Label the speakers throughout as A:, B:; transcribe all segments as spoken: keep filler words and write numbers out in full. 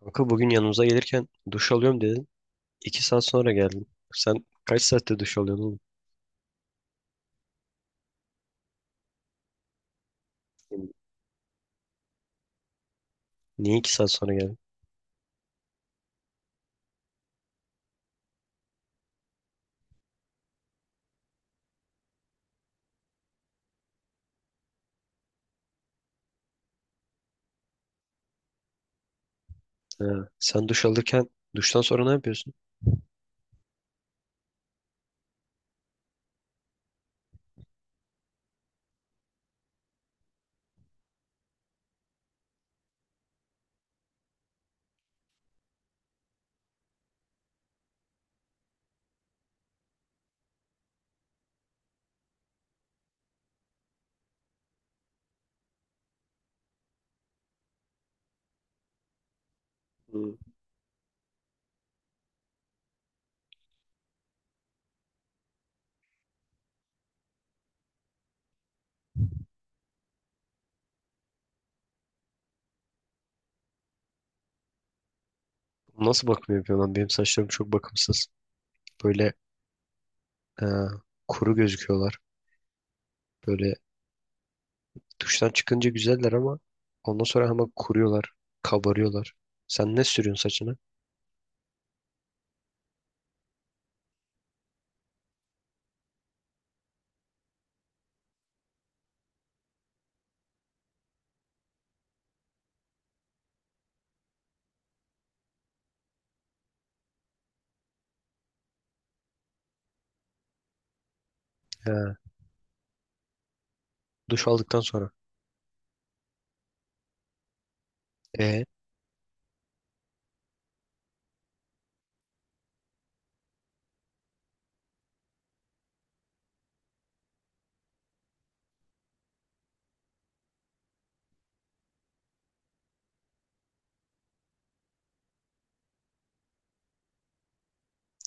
A: Kanka bugün yanımıza gelirken duş alıyorum dedin. İki saat sonra geldin. Sen kaç saatte duş alıyorsun oğlum? Niye iki saat sonra geldin? Ha, sen duş alırken duştan sonra ne yapıyorsun? Hı. Nasıl bakım yapıyorsun lan? Benim saçlarım çok bakımsız. Böyle e, kuru gözüküyorlar. Böyle duştan çıkınca güzeller ama ondan sonra hemen kuruyorlar. Kabarıyorlar. Sen ne sürüyorsun saçına? Ha, duş aldıktan sonra. E,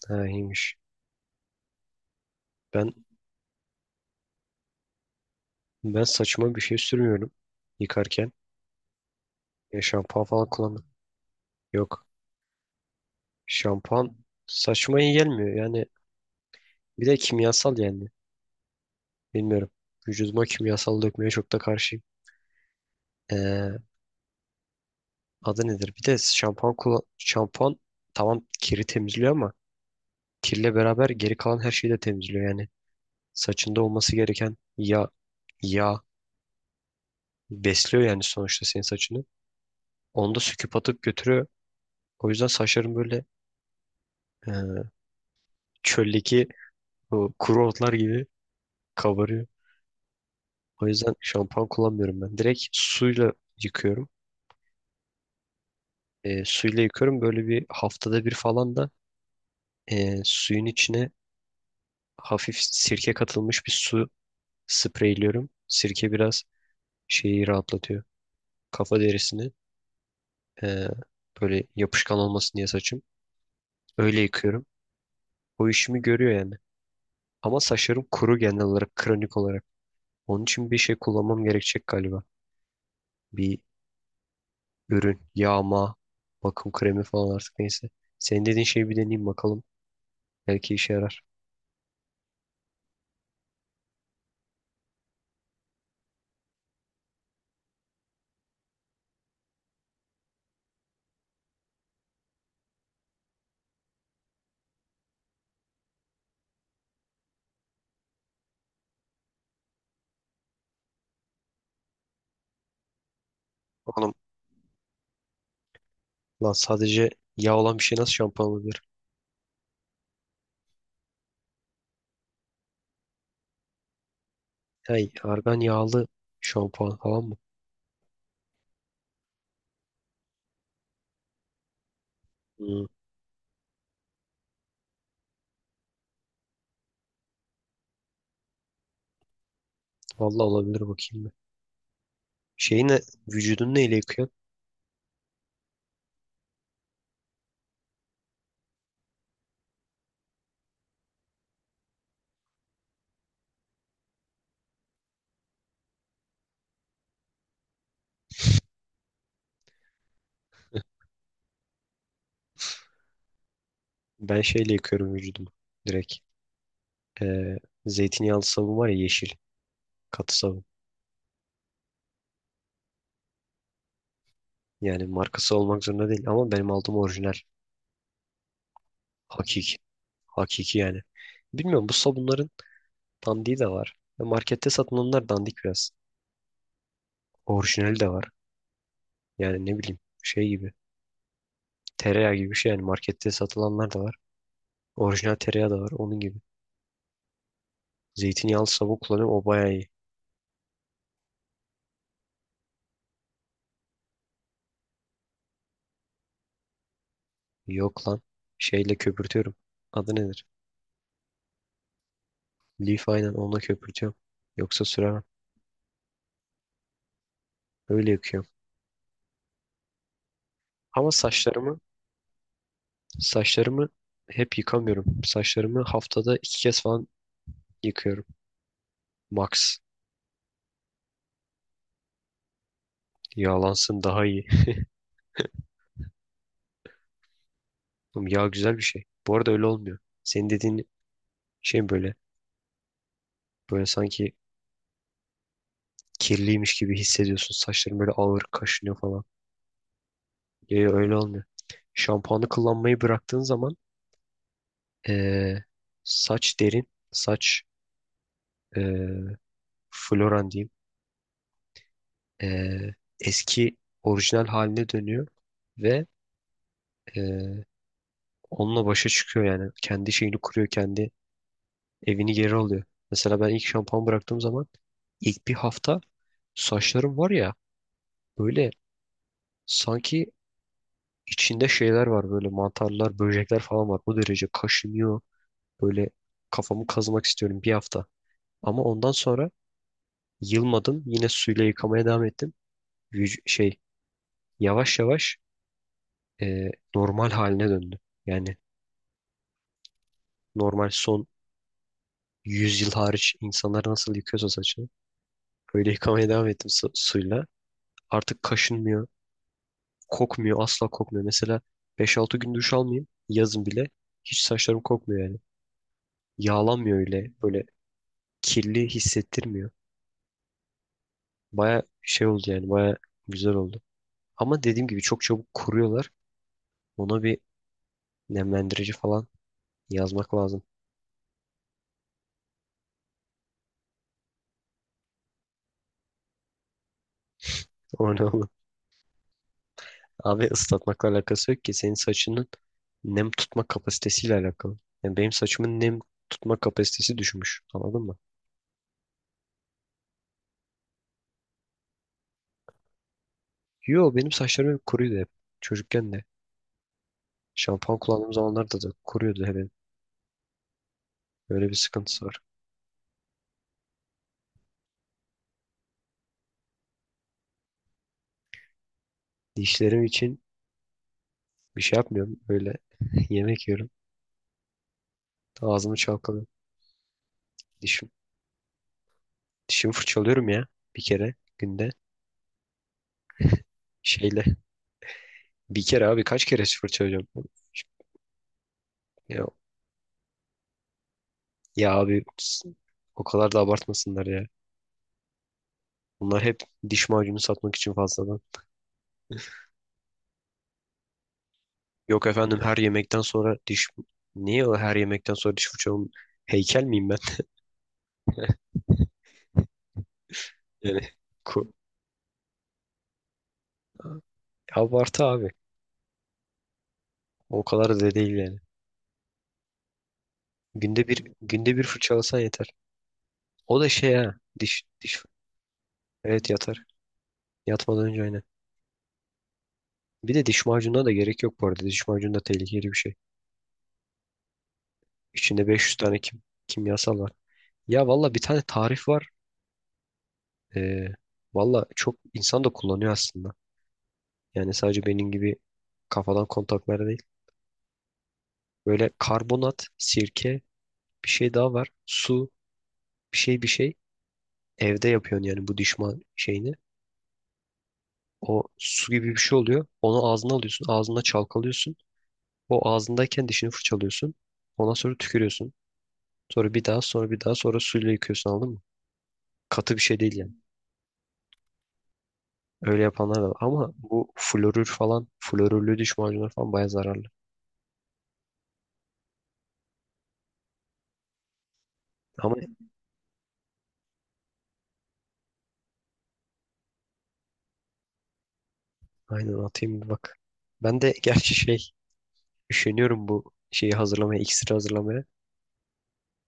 A: ha, iyiymiş. Ben ben saçıma bir şey sürmüyorum yıkarken. E, şampuan falan kullanmıyorum. Yok. Şampuan saçma iyi gelmiyor. Yani bir de kimyasal yani. Bilmiyorum. Vücuduma kimyasal dökmeye çok da karşıyım. Ee, adı nedir? Bir de şampuan kullan şampuan tamam kiri temizliyor ama kirle beraber geri kalan her şeyi de temizliyor yani. Saçında olması gereken yağ, yağ besliyor yani sonuçta senin saçını. Onu da söküp atıp götürüyor. O yüzden saçların böyle e, çöldeki o kuru otlar gibi kabarıyor. O yüzden şampuan kullanmıyorum ben. Direkt suyla yıkıyorum. E, suyla yıkıyorum. Böyle bir haftada bir falan da e, suyun içine hafif sirke katılmış bir su spreyliyorum. Sirke biraz şeyi rahatlatıyor. Kafa derisini e, böyle yapışkan olmasın diye saçım. Öyle yıkıyorum. O işimi görüyor yani. Ama saçlarım kuru genel olarak, kronik olarak. Onun için bir şey kullanmam gerekecek galiba. Bir ürün, yağma, bakım kremi falan artık neyse. Senin dediğin şeyi bir deneyeyim bakalım. Belki işe yarar. Lan sadece yağ olan bir şey nasıl şampuan olabilir? Hey, argan yağlı şampuan falan mı? Hmm, vallahi olabilir bakayım ben. Şeyi ne, vücudunu neyle yıkıyorsun? Ben şeyle yıkıyorum vücudumu. Direkt. Ee, zeytinyağlı sabun var ya yeşil. Katı sabun. Yani markası olmak zorunda değil ama benim aldığım orijinal. Hakiki. Hakiki yani. Bilmiyorum bu sabunların dandiği de var. Ya markette satılanlar dandik biraz. Orijinali de var. Yani ne bileyim şey gibi. Tereyağı gibi bir şey yani markette satılanlar da var. Orijinal tereyağı da var onun gibi. Zeytinyağlı savun kullanıyorum o bayağı iyi. Yok lan. Şeyle köpürtüyorum. Adı nedir? Leaf aynen onunla köpürtüyorum. Yoksa süremem. Öyle yıkıyorum. Ama saçlarımı saçlarımı hep yıkamıyorum. Saçlarımı haftada iki kez falan yıkıyorum. Max. Yağlansın daha iyi. Oğlum yağ güzel bir şey. Bu arada öyle olmuyor. Senin dediğin şey böyle. Böyle sanki kirliymiş gibi hissediyorsun. Saçların böyle ağır kaşınıyor falan. Ya ya öyle olmuyor. Şampuanı kullanmayı bıraktığın zaman Ee, saç derin, saç e, floran diyeyim. Ee, eski orijinal haline dönüyor ve e, onunla başa çıkıyor yani. Kendi şeyini kuruyor, kendi evini geri alıyor. Mesela ben ilk şampuan bıraktığım zaman ilk bir hafta saçlarım var ya böyle sanki içinde şeyler var böyle mantarlar, böcekler falan var. O derece kaşınıyor. Böyle kafamı kazımak istiyorum bir hafta. Ama ondan sonra yılmadım. Yine suyla yıkamaya devam ettim. vüc- şey yavaş yavaş e, normal haline döndü. Yani normal son yüz yıl hariç insanlar nasıl yıkıyorsa saçını öyle yıkamaya devam ettim su- suyla. Artık kaşınmıyor, kokmuyor, asla kokmuyor. Mesela beş altı gün duş almayayım yazın bile hiç saçlarım kokmuyor yani. Yağlanmıyor öyle böyle kirli hissettirmiyor. Baya şey oldu yani baya güzel oldu. Ama dediğim gibi çok çabuk kuruyorlar. Ona bir nemlendirici falan yazmak lazım. O ne olur. Abi ıslatmakla alakası yok ki. Senin saçının nem tutma kapasitesiyle alakalı. Yani benim saçımın nem tutma kapasitesi düşmüş. Anladın mı? Yo benim saçlarım hep kuruydu hep. Çocukken de. Şampuan kullandığım zamanlarda da kuruyordu hep. Böyle bir sıkıntısı var. Dişlerim için bir şey yapmıyorum. Böyle yemek yiyorum. Ağzımı çalkalıyorum. Dişim, Dişimi fırçalıyorum ya. Bir kere günde. Şeyle. Bir kere abi kaç kere fırçalayacağım? Ya, ya abi o kadar da abartmasınlar ya. Bunlar hep diş macunu satmak için fazladan. Yok efendim her yemekten sonra diş... Niye o her yemekten sonra diş fırçalım? Heykel miyim ben? Yani ku- abartı abi. O kadar da değil yani. Günde bir günde bir fırçalasan yeter. O da şey ha. Diş diş. Evet yatar. Yatmadan önce aynen. Bir de diş macununa da gerek yok bu arada. Diş macunu da tehlikeli bir şey. İçinde beş yüz tane kim, kimyasal var. Ya valla bir tane tarif var. Ee, valla çok insan da kullanıyor aslında. Yani sadece benim gibi kafadan kontaklar değil. Böyle karbonat, sirke, bir şey daha var. Su, bir şey bir şey. Evde yapıyorsun yani bu dişman şeyini. O su gibi bir şey oluyor. Onu ağzına alıyorsun. Ağzına çalkalıyorsun. O ağzındayken dişini fırçalıyorsun. Ondan sonra tükürüyorsun. Sonra bir daha sonra bir daha sonra suyla yıkıyorsun anladın mı? Katı bir şey değil yani. Öyle yapanlar da var. Ama bu florür falan, florürlü diş macunları falan baya zararlı. Ama aynen atayım bir bak. Ben de gerçi şey üşeniyorum bu şeyi hazırlamaya, iksiri hazırlamaya.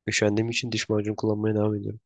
A: Üşendiğim için diş macunu kullanmaya devam ediyorum.